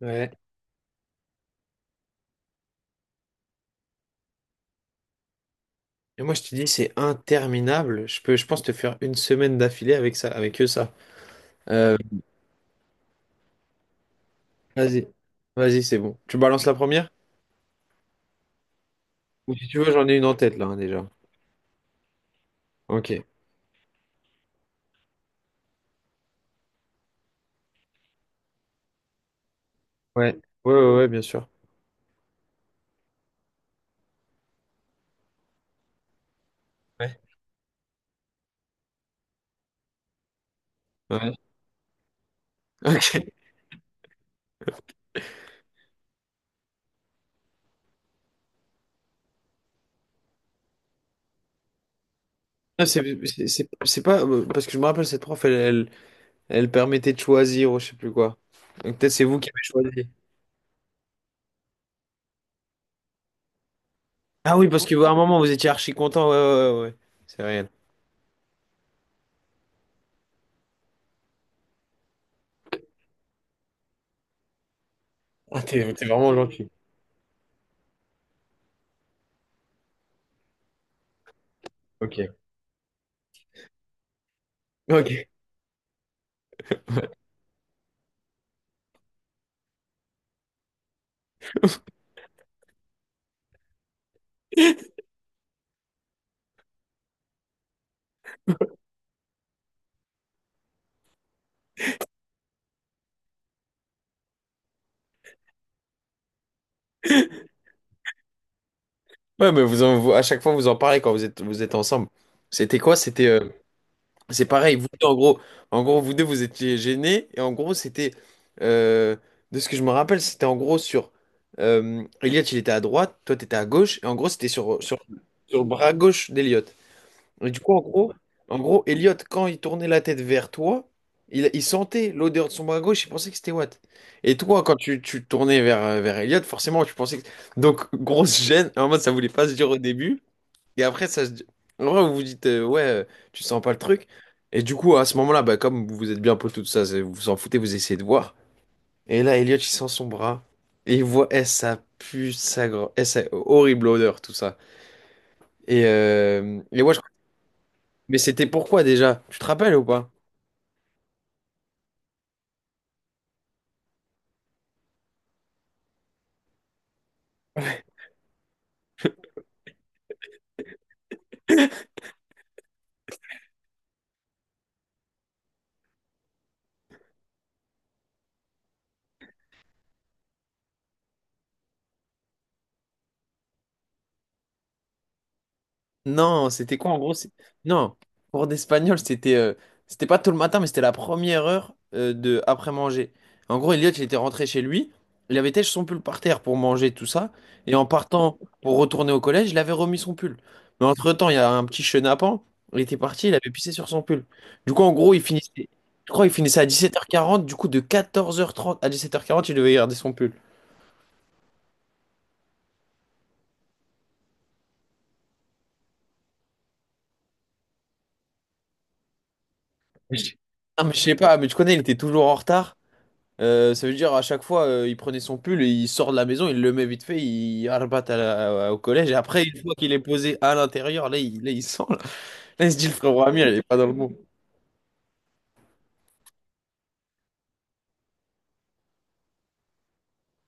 Ouais. Et moi, je te dis, c'est interminable. Je pense, te faire une semaine d'affilée avec ça, avec eux, ça. Euh, vas-y, vas-y, c'est bon. Tu balances la première? Ou si tu veux, j'en ai une en tête, là, hein, déjà. Ok. Ouais. Ouais, ouais, ouais, bien sûr. Ouais. Ouais. Ok. Non, c'est pas... Parce que je me rappelle, cette prof, elle permettait de choisir ou je sais plus quoi. Donc peut-être c'est vous qui avez choisi. Ah oui, parce qu'à un moment, vous étiez archi content. Ouais, ouais, ouais, ouais. C'est réel. Ah, t'es vraiment gentil. Ok. Ok. Ouais. Ouais, mais à chaque fois, vous en parlez quand vous êtes ensemble. C'était quoi? C'est pareil, vous deux, en gros, vous deux, vous étiez gênés, et en gros, euh, de ce que je me rappelle, c'était en gros sur, Elliot, il était à droite, toi, t'étais à gauche, et en gros, c'était sur le bras gauche d'Elliot. Et du coup, en gros, Elliot, quand il tournait la tête vers toi, il sentait l'odeur de son bras gauche, il pensait que c'était Watt. Et toi, quand tu tournais vers, vers Elliot, forcément, tu pensais que... Donc, grosse gêne, en mode, ça voulait pas se dire au début. Et après, En vrai, vous vous dites, ouais, tu sens pas le truc. Et du coup, à ce moment-là, bah, comme vous êtes bien potes, tout ça, vous vous en foutez, vous essayez de voir. Et là, Elliot, il sent son bras. Et il voit, eh, ça pue, ça grand. Eh, ça... horrible odeur, tout ça. Et ouais, mais c'était pourquoi déjà? Tu te rappelles ou pas? Non, c'était quoi en gros? Non, cours d'espagnol, c'était c'était pas tout le matin, mais c'était la première heure de après manger. En gros, Elliot, il était rentré chez lui, il avait têché son pull par terre pour manger tout ça, et en partant pour retourner au collège, il avait remis son pull. Mais entre-temps, il y a un petit chenapan, il était parti, il avait pissé sur son pull. Du coup, en gros, je crois, il finissait à 17h40, du coup, de 14h30 à 17h40, il devait garder son pull. Ah, mais je sais pas, mais tu connais, il était toujours en retard. Ça veut dire à chaque fois, il prenait son pull, et il sort de la maison, il le met vite fait, il arbat à au collège. Et après, une fois qu'il est posé à l'intérieur, là, là, il sent. Là, il se dit, le frérot Amir, il est pas dans le bon.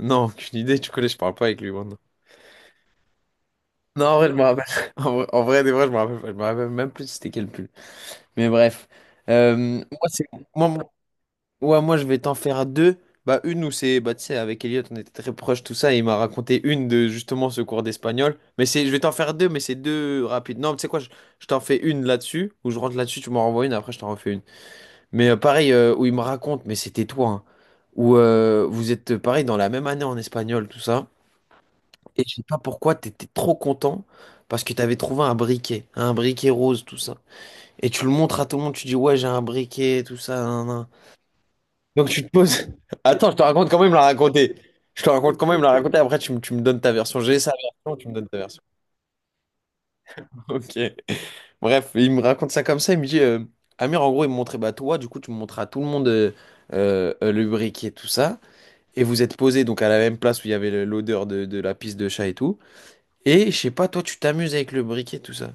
Non, aucune idée, tu connais, je parle pas avec lui maintenant. Non, en vrai, je me rappelle. En vrai, des vrais, je me rappelle pas. Je me rappelle même plus c'était quel pull. Mais bref. Euh, moi, c'est moi ouais, moi je vais t'en faire deux. Bah une où c'est bah tu sais avec Elliot on était très proches tout ça et il m'a raconté une de justement ce cours d'espagnol. Mais c'est je vais t'en faire deux mais c'est deux rapides. Non, tu sais quoi, je t'en fais une là-dessus où je rentre là-dessus, tu m'en renvoies une après je t'en refais une. Mais pareil où il me raconte mais c'était toi hein, où vous êtes pareil dans la même année en espagnol tout ça et je sais pas pourquoi t'étais trop content parce que t'avais trouvé un briquet rose tout ça. Et tu le montres à tout le monde, tu dis ouais, j'ai un briquet tout ça. Nan, nan. Donc tu te poses. Attends, je te raconte quand même la raconter. Je te raconte quand même la raconter. Après, tu me donnes ta version. J'ai sa version, tu me donnes ta version. Ok. Bref, il me raconte ça comme ça. Il me dit, Amir, en gros, il me montrait, bah toi, du coup, tu me montras à tout le monde le briquet, tout ça. Et vous êtes posé donc à la même place où il y avait l'odeur de la pisse de chat et tout. Et je sais pas, toi, tu t'amuses avec le briquet, tout ça.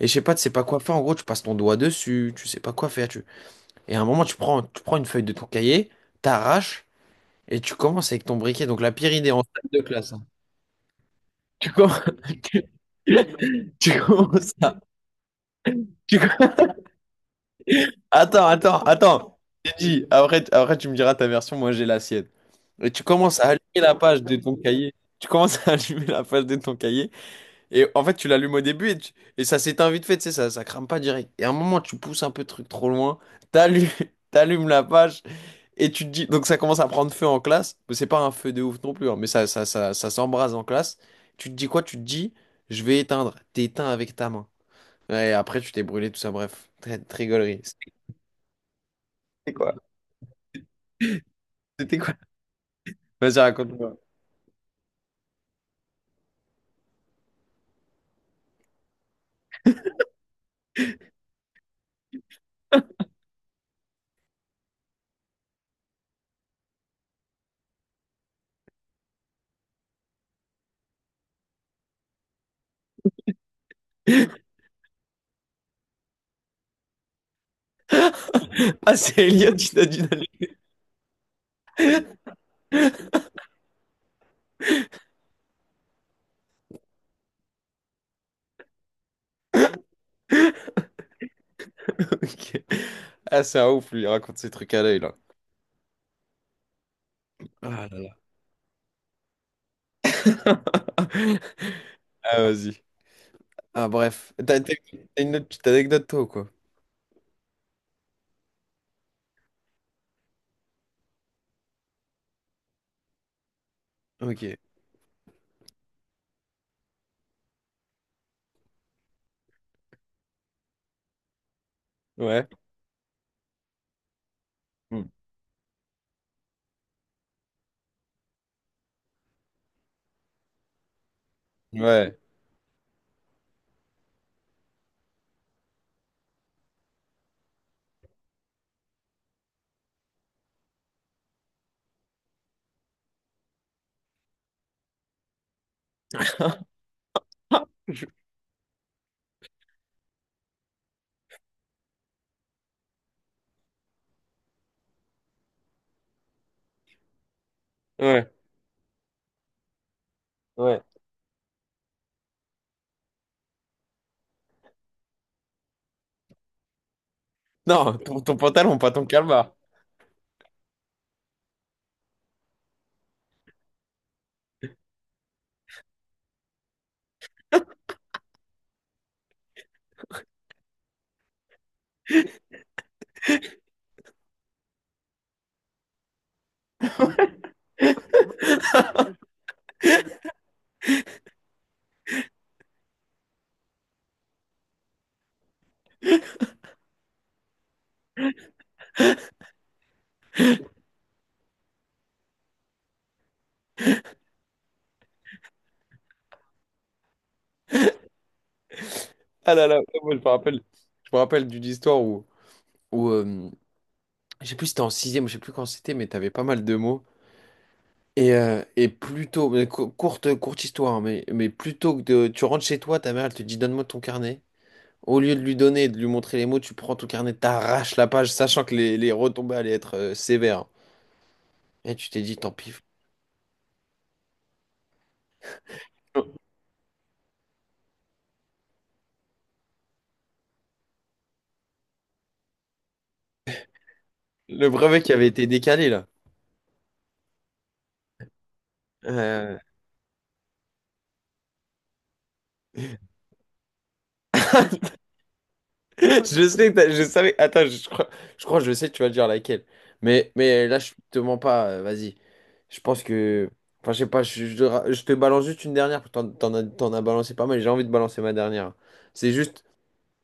Et je sais pas, tu sais pas quoi faire. En gros, tu passes ton doigt dessus, tu sais pas quoi faire. Tu... Et à un moment, tu prends une feuille de ton cahier, t'arraches. Et tu commences avec ton briquet, donc la pire idée en salle de classe. Hein. Tu commences, tu, tu commences ça. Tu com- Attends, attends, attends. J'ai dit, après tu me diras ta version, moi j'ai la sienne. Et tu commences à allumer la page de ton cahier. Tu commences à allumer la page de ton cahier. Et en fait, tu l'allumes au début et, et ça s'éteint vite fait, tu sais, ça crame pas direct. Et à un moment, tu pousses un peu le truc trop loin. T'allumes, t'allumes la page. Et tu te dis, donc ça commence à prendre feu en classe, mais c'est pas un feu de ouf non plus, hein, mais ça s'embrase en classe. Tu te dis quoi? Tu te dis, je vais éteindre. T'éteins avec ta main. Ouais, et après, tu t'es brûlé, tout ça, bref. Très gaulerie. C'était quoi? C'était quoi? Vas-y, raconte-moi. Ah, c'est Elliot, qui t'a dit d'aller. Ok. Ah, c'est un ouf, lui, il raconte ses trucs à l'œil, là. Ah là là. Ah, vas-y. Ah, bref. T'as une autre petite anecdote, toi, ou quoi? Ok. Ouais. Hmm. Ouais. Ouais, ouais. Non, ton, ton pantalon, pas ton calmar. Ah là là, ouais, moi, je me rappelle d'une histoire où, où je sais plus si c'était en sixième, je sais plus quand c'était, mais t'avais pas mal de mots. Et plutôt, mais courte, courte histoire, hein, mais plutôt que de, tu rentres chez toi, ta mère, elle te dit donne-moi ton carnet. Au lieu de lui donner et de lui montrer les mots, tu prends ton carnet, t'arraches la page, sachant que les retombées allaient être sévères. Et tu t'es dit, tant pis. Le brevet qui avait été décalé, là. Je sais que je savais. Attends, je crois que je sais que tu vas dire laquelle. Mais là, je te mens pas. Vas-y. Je pense que. Enfin, je sais pas. Je te balance juste une dernière. T'en as balancé pas mal. J'ai envie de balancer ma dernière. C'est juste,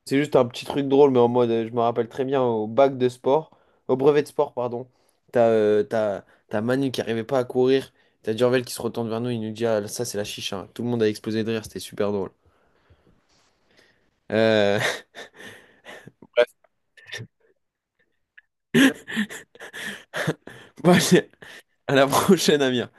c'est juste un petit truc drôle, mais en mode. Je me rappelle très bien au bac de sport. Au brevet de sport, pardon. T'as euh, t'as, t'as Manu qui arrivait pas à courir. T'as Durvel qui se retourne vers nous. Il nous dit ah, ça, c'est la chicha. Tout le monde a explosé de rire. C'était super drôle. Euh... Bon, allez, à la prochaine, Amir.